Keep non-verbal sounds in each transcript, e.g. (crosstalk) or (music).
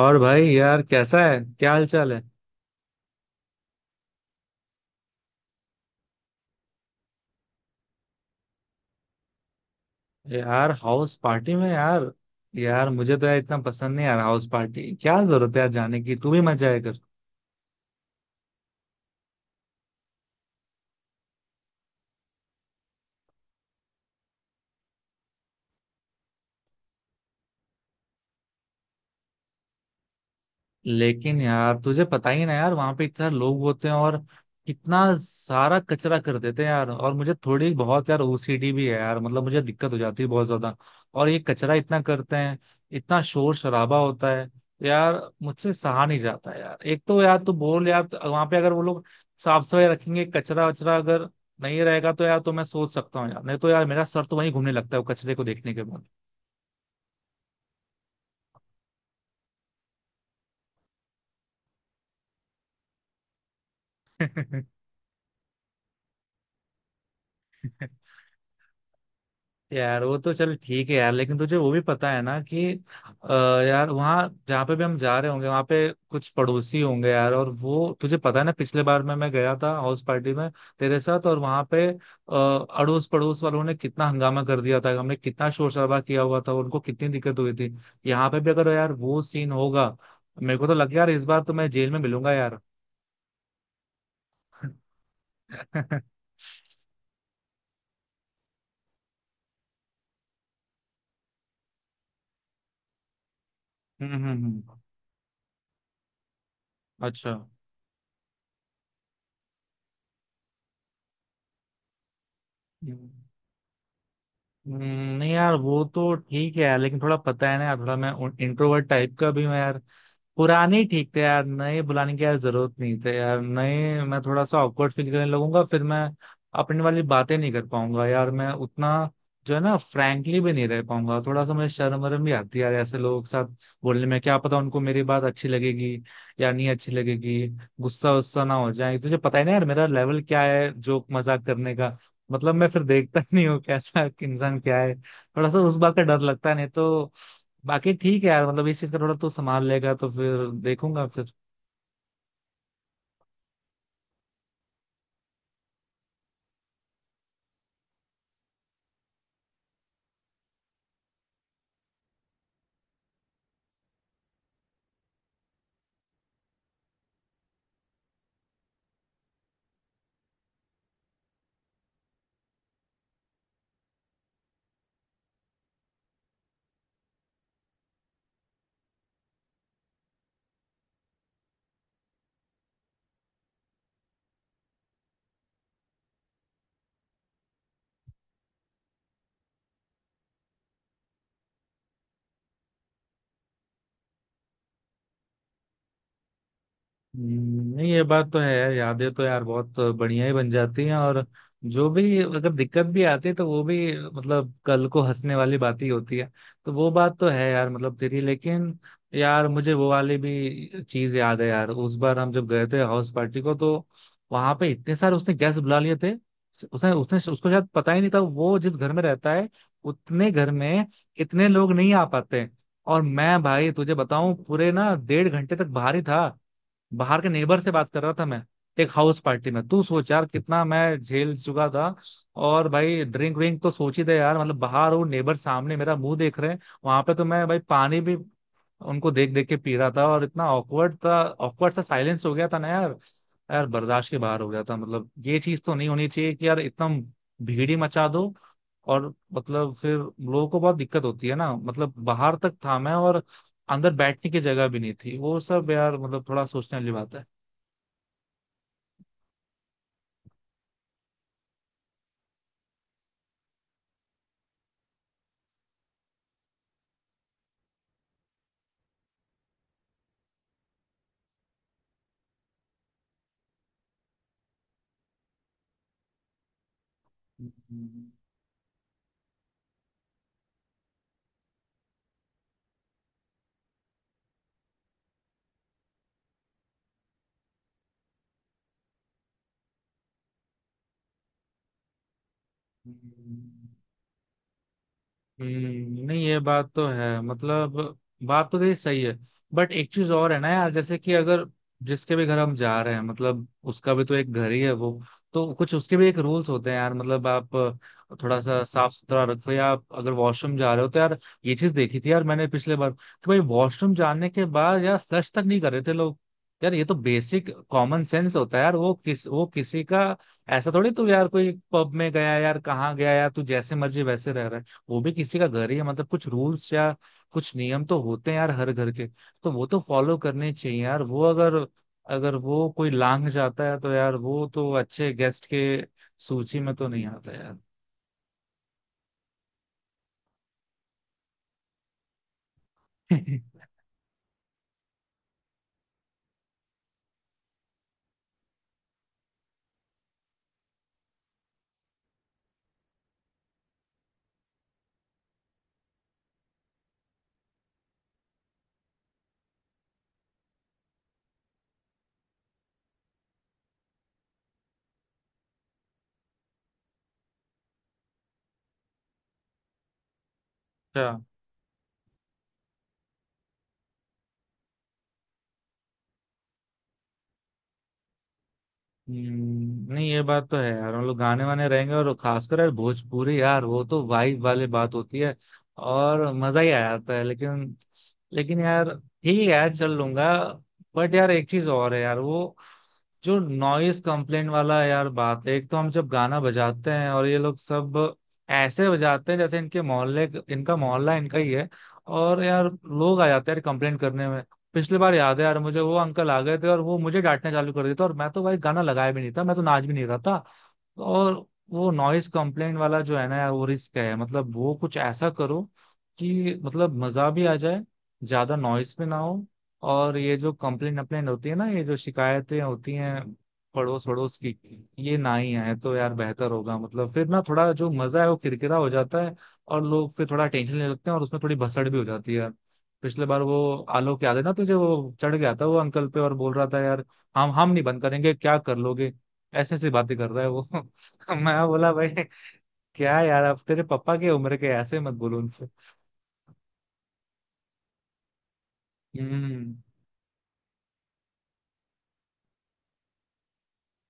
और भाई यार, कैसा है, क्या हाल चाल है? यार हाउस पार्टी में यार। यार मुझे तो यार इतना पसंद नहीं यार हाउस पार्टी। क्या जरूरत है यार जाने की? तू भी मत जाया कर। लेकिन यार तुझे पता ही ना यार, वहां पे इतने सारे लोग होते हैं और कितना सारा कचरा कर देते हैं यार। और मुझे थोड़ी बहुत यार ओसीडी भी है यार, मतलब मुझे दिक्कत हो जाती है बहुत ज्यादा। और ये कचरा इतना करते हैं, इतना शोर शराबा होता है, यार मुझसे सहा नहीं जाता यार। एक तो यार तू बोल यार, वहां पे अगर वो लोग साफ सफाई रखेंगे, कचरा वचरा अगर नहीं रहेगा तो यार, तो मैं सोच सकता हूँ यार, नहीं तो यार मेरा सर तो वहीं घूमने लगता है वो कचरे को देखने के बाद। (laughs) यार वो तो चल ठीक है यार, लेकिन तुझे वो भी पता है ना कि अ, यार वहाँ जहाँ पे भी हम जा रहे होंगे, वहाँ पे कुछ पड़ोसी होंगे यार। और वो तुझे पता है ना, पिछले बार में मैं गया था हाउस पार्टी में तेरे साथ, और वहाँ पे अड़ोस पड़ोस वालों ने कितना हंगामा कर दिया था, हमने कितना शोर शराबा किया हुआ था, उनको कितनी दिक्कत हुई थी। यहाँ पे भी अगर यार वो सीन होगा, मेरे को तो लग यार इस बार तो मैं जेल में मिलूंगा यार। (laughs) हम्म। हम्म। हम्म। अच्छा। हम्म। हम्म, नहीं यार वो तो ठीक है यार, लेकिन थोड़ा पता है ना यार, थोड़ा मैं इंट्रोवर्ट टाइप का भी हूँ यार। पुराने ही ठीक थे यार, नए बुलाने की यार जरूरत नहीं थे यार। नए मैं थोड़ा सा ऑकवर्ड फील करने लगूंगा फिर मैं, अपनी वाली बातें नहीं कर पाऊंगा यार, मैं उतना जो है ना फ्रैंकली भी नहीं रह पाऊंगा। थोड़ा सा मुझे शर्म वरम भी आती है यार ऐसे लोगों के साथ बोलने में। क्या पता उनको मेरी बात अच्छी लगेगी या नहीं अच्छी लगेगी, गुस्सा वुस्सा ना हो जाए। तुझे पता ही ना यार मेरा लेवल क्या है जोक मजाक करने, मतलब मैं फिर देखता ही नहीं हूँ कैसा इंसान क्या है, थोड़ा सा उस बात का डर लगता है, नहीं तो बाकी ठीक है यार। मतलब इस चीज का थोड़ा तू संभाल लेगा तो फिर देखूंगा फिर। नहीं ये बात तो है यार, यादें तो यार बहुत बढ़िया ही बन जाती हैं, और जो भी अगर दिक्कत भी आती है तो वो भी मतलब कल को हंसने वाली बात ही होती है। तो वो बात तो है यार मतलब तेरी। लेकिन यार मुझे वो वाली भी चीज याद है यार, उस बार हम जब गए थे हाउस पार्टी को, तो वहां पे इतने सारे उसने गेस्ट बुला लिए थे। उसने उसने उसको शायद पता ही नहीं था वो जिस घर में रहता है उतने घर में इतने लोग नहीं आ पाते। और मैं भाई तुझे बताऊं, पूरे ना डेढ़ घंटे तक बाहर ही था, बाहर के नेबर से बात कर रहा था मैं। एक हाउस पार्टी में तू सोच यार कितना मैं झेल चुका था। और भाई ड्रिंक व्रिंक तो सोच ही दे यार, मतलब बाहर वो नेबर सामने, मेरा मुंह देख रहे हैं। वहां पे तो मैं भाई पानी भी उनको देख देख के पी रहा था, और इतना ऑकवर्ड था, ऑकवर्ड सा साइलेंस हो गया था ना यार, यार बर्दाश्त के बाहर हो गया था। मतलब ये चीज तो नहीं होनी चाहिए कि यार इतना भीड़ ही मचा दो, और मतलब फिर लोगों को बहुत दिक्कत होती है ना, मतलब बाहर तक था मैं, और अंदर बैठने की जगह भी नहीं थी वो सब यार, मतलब थोड़ा सोचने वाली बात है। नहीं ये बात तो है, मतलब बात तो तेरी सही है। बट एक चीज और है ना यार, जैसे कि अगर जिसके भी घर हम जा रहे हैं, मतलब उसका भी तो एक घर ही है वो, तो कुछ उसके भी एक रूल्स होते हैं यार। मतलब आप थोड़ा सा साफ सुथरा रखो, या आप अगर वॉशरूम जा रहे हो तो यार, ये चीज देखी थी यार मैंने पिछले बार, कि भाई वॉशरूम जाने के बाद यार फ्लश तक नहीं कर रहे थे लोग। यार ये तो बेसिक कॉमन सेंस होता है यार। वो किस, वो किसी का ऐसा थोड़ी, तू यार कोई पब में गया यार, कहाँ गया यार तू, जैसे मर्जी वैसे रह रहा है। वो भी किसी का घर ही है, मतलब कुछ रूल्स या कुछ नियम तो होते हैं यार हर घर के, तो वो तो फॉलो करने चाहिए यार। वो अगर, अगर वो कोई लांग जाता है तो यार, वो तो अच्छे गेस्ट के सूची में तो नहीं आता यार। (laughs) अच्छा। नहीं ये बात तो है यार, हम लोग गाने वाने रहेंगे और खासकर यार भोजपुरी यार, वो तो वाइब वाली बात होती है और मजा ही आ जाता है। लेकिन, लेकिन यार ठीक है यार, चल लूंगा। बट यार एक चीज और है यार, वो जो नॉइस कंप्लेंट वाला यार बात है। एक तो हम जब गाना बजाते हैं और ये लोग सब ऐसे बजाते हैं जैसे इनके मोहल्ले, इनका मोहल्ला इनका ही है। और यार लोग आ जाते हैं यार कंप्लेंट करने में। पिछली बार याद है यार मुझे, वो अंकल आ गए थे और वो मुझे डांटना चालू कर दिया था, और मैं तो भाई गाना लगाया भी नहीं था, मैं तो नाच भी नहीं रहा था। और वो नॉइस कंप्लेंट वाला जो है ना यार, वो रिस्क है। मतलब वो कुछ ऐसा करो कि मतलब मजा भी आ जाए, ज्यादा नॉइस भी ना हो। और ये जो कंप्लेंट अप्लेंट होती है ना, ये जो शिकायतें होती हैं पड़ोस पड़ोस की, ये ना ही आए तो यार बेहतर होगा। मतलब फिर ना थोड़ा जो मजा है वो किरकिरा हो जाता है, और लोग फिर थोड़ा टेंशन लेने लगते हैं, और उसमें थोड़ी भसड़ भी हो जाती है यार। पिछले बार वो आलोक याद है ना तुझे, वो चढ़ गया था वो अंकल पे और बोल रहा था यार, हम नहीं बंद करेंगे, क्या कर लोगे, ऐसे ऐसी बातें कर रहा है वो। (laughs) मैं बोला भाई क्या यार, अब तेरे पापा की उम्र के, ऐसे मत बोलो उनसे। हम्म।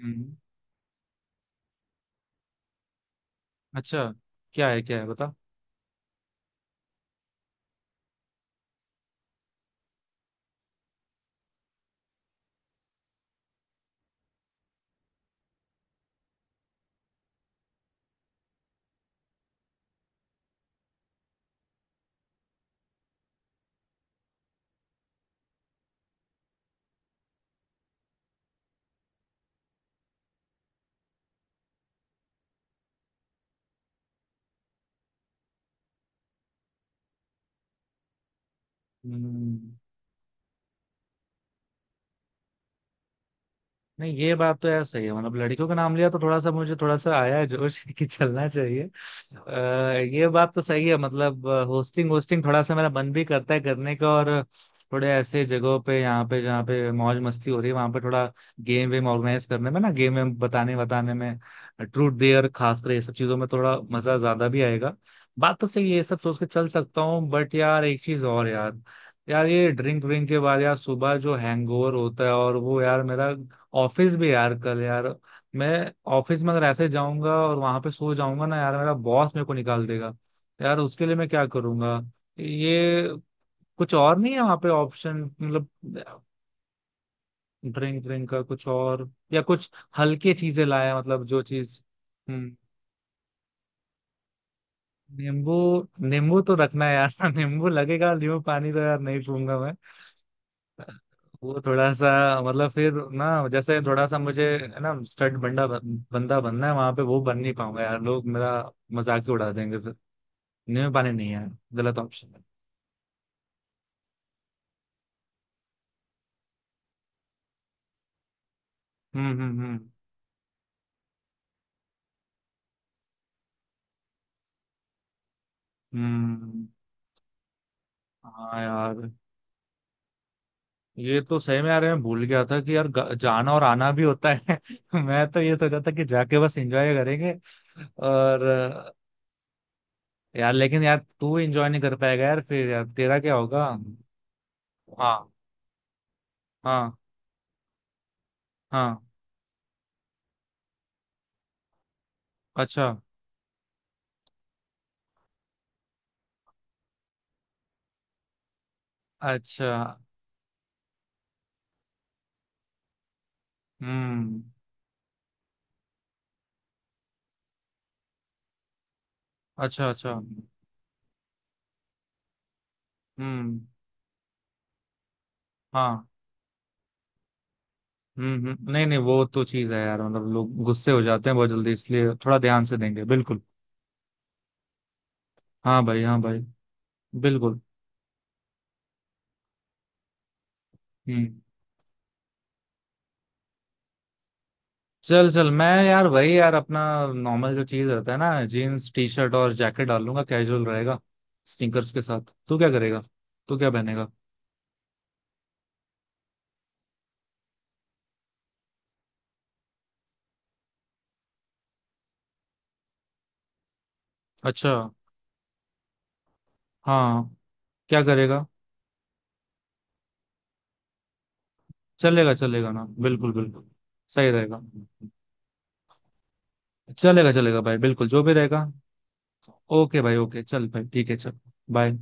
हम्म। अच्छा। क्या है, क्या है बता। हम्म, नहीं ये बात तो यार सही है, मतलब लड़कियों का नाम लिया तो थोड़ा सा मुझे, थोड़ा सा आया है जोश (laughs) कि चलना चाहिए। ये बात तो सही है, मतलब होस्टिंग, होस्टिंग थोड़ा सा मेरा मन भी करता है करने का। और थोड़े ऐसे जगहों पे, यहाँ पे जहाँ पे मौज मस्ती हो रही है, वहां पे थोड़ा गेम वेम ऑर्गेनाइज करने में ना, गेम वेम बताने बताने में, ट्रूथ डेयर खासकर, ये सब चीजों में थोड़ा मजा ज्यादा भी आएगा। बात तो सही है, ये सब सोच के चल सकता हूँ। बट यार एक चीज और यार, यार ये ड्रिंक व्रिंक के बाद यार सुबह जो हैंगओवर होता है, और वो यार मेरा ऑफिस भी यार कल यार, मैं ऑफिस में अगर ऐसे जाऊंगा और वहां पे सो जाऊंगा ना यार, मेरा बॉस मेरे को निकाल देगा यार, उसके लिए मैं क्या करूंगा? ये कुछ और नहीं है वहां पे ऑप्शन, मतलब ड्रिंक ड्रिंक का कुछ और या कुछ हल्की चीजें लाया, मतलब जो चीज। हम्म। नींबू, नींबू तो रखना है यार (laughs) नींबू लगेगा, नींबू पानी तो यार नहीं पीऊंगा मैं। वो थोड़ा सा, मतलब फिर ना, जैसे थोड़ा सा मुझे है ना स्टड बंदा, बंदा बनना है वहां पे, वो बन नहीं पाऊंगा यार, लोग मेरा मजाक ही उड़ा देंगे फिर। नहीं, पाने नहीं है, गलत ऑप्शन है। हम्म। हम्म। हम्म। हम्म। हाँ यार, ये तो सही में यार मैं भूल गया था कि यार जाना और आना भी होता है। (laughs) मैं तो ये सोचा था कि जाके बस एंजॉय करेंगे और यार लेकिन यार तू एंजॉय नहीं कर पाएगा यार फिर, यार तेरा क्या होगा? हाँ, हाँ, हाँ। अच्छा, अच्छा। हम्म। अच्छा, अच्छा। हम्म। हाँ। हम्म, हम्म, नहीं नहीं, वो तो चीज है यार, मतलब लोग गुस्से हो जाते हैं बहुत जल्दी, इसलिए थोड़ा ध्यान से देंगे बिल्कुल। हाँ भाई, हाँ भाई। बिल्कुल। हम्म। चल चल, मैं यार वही यार अपना नॉर्मल जो चीज रहता है ना, जीन्स टी शर्ट और जैकेट डाल लूंगा, कैजुअल रहेगा, स्नीकर्स के साथ। तू क्या करेगा, तू क्या पहनेगा? अच्छा। हाँ। क्या करेगा? चलेगा, चलेगा ना, बिल्कुल बिल्कुल। सही रहेगा। चलेगा चलेगा भाई, बिल्कुल जो भी रहेगा। ओके भाई, ओके, चल भाई, ठीक है, चल। बाय।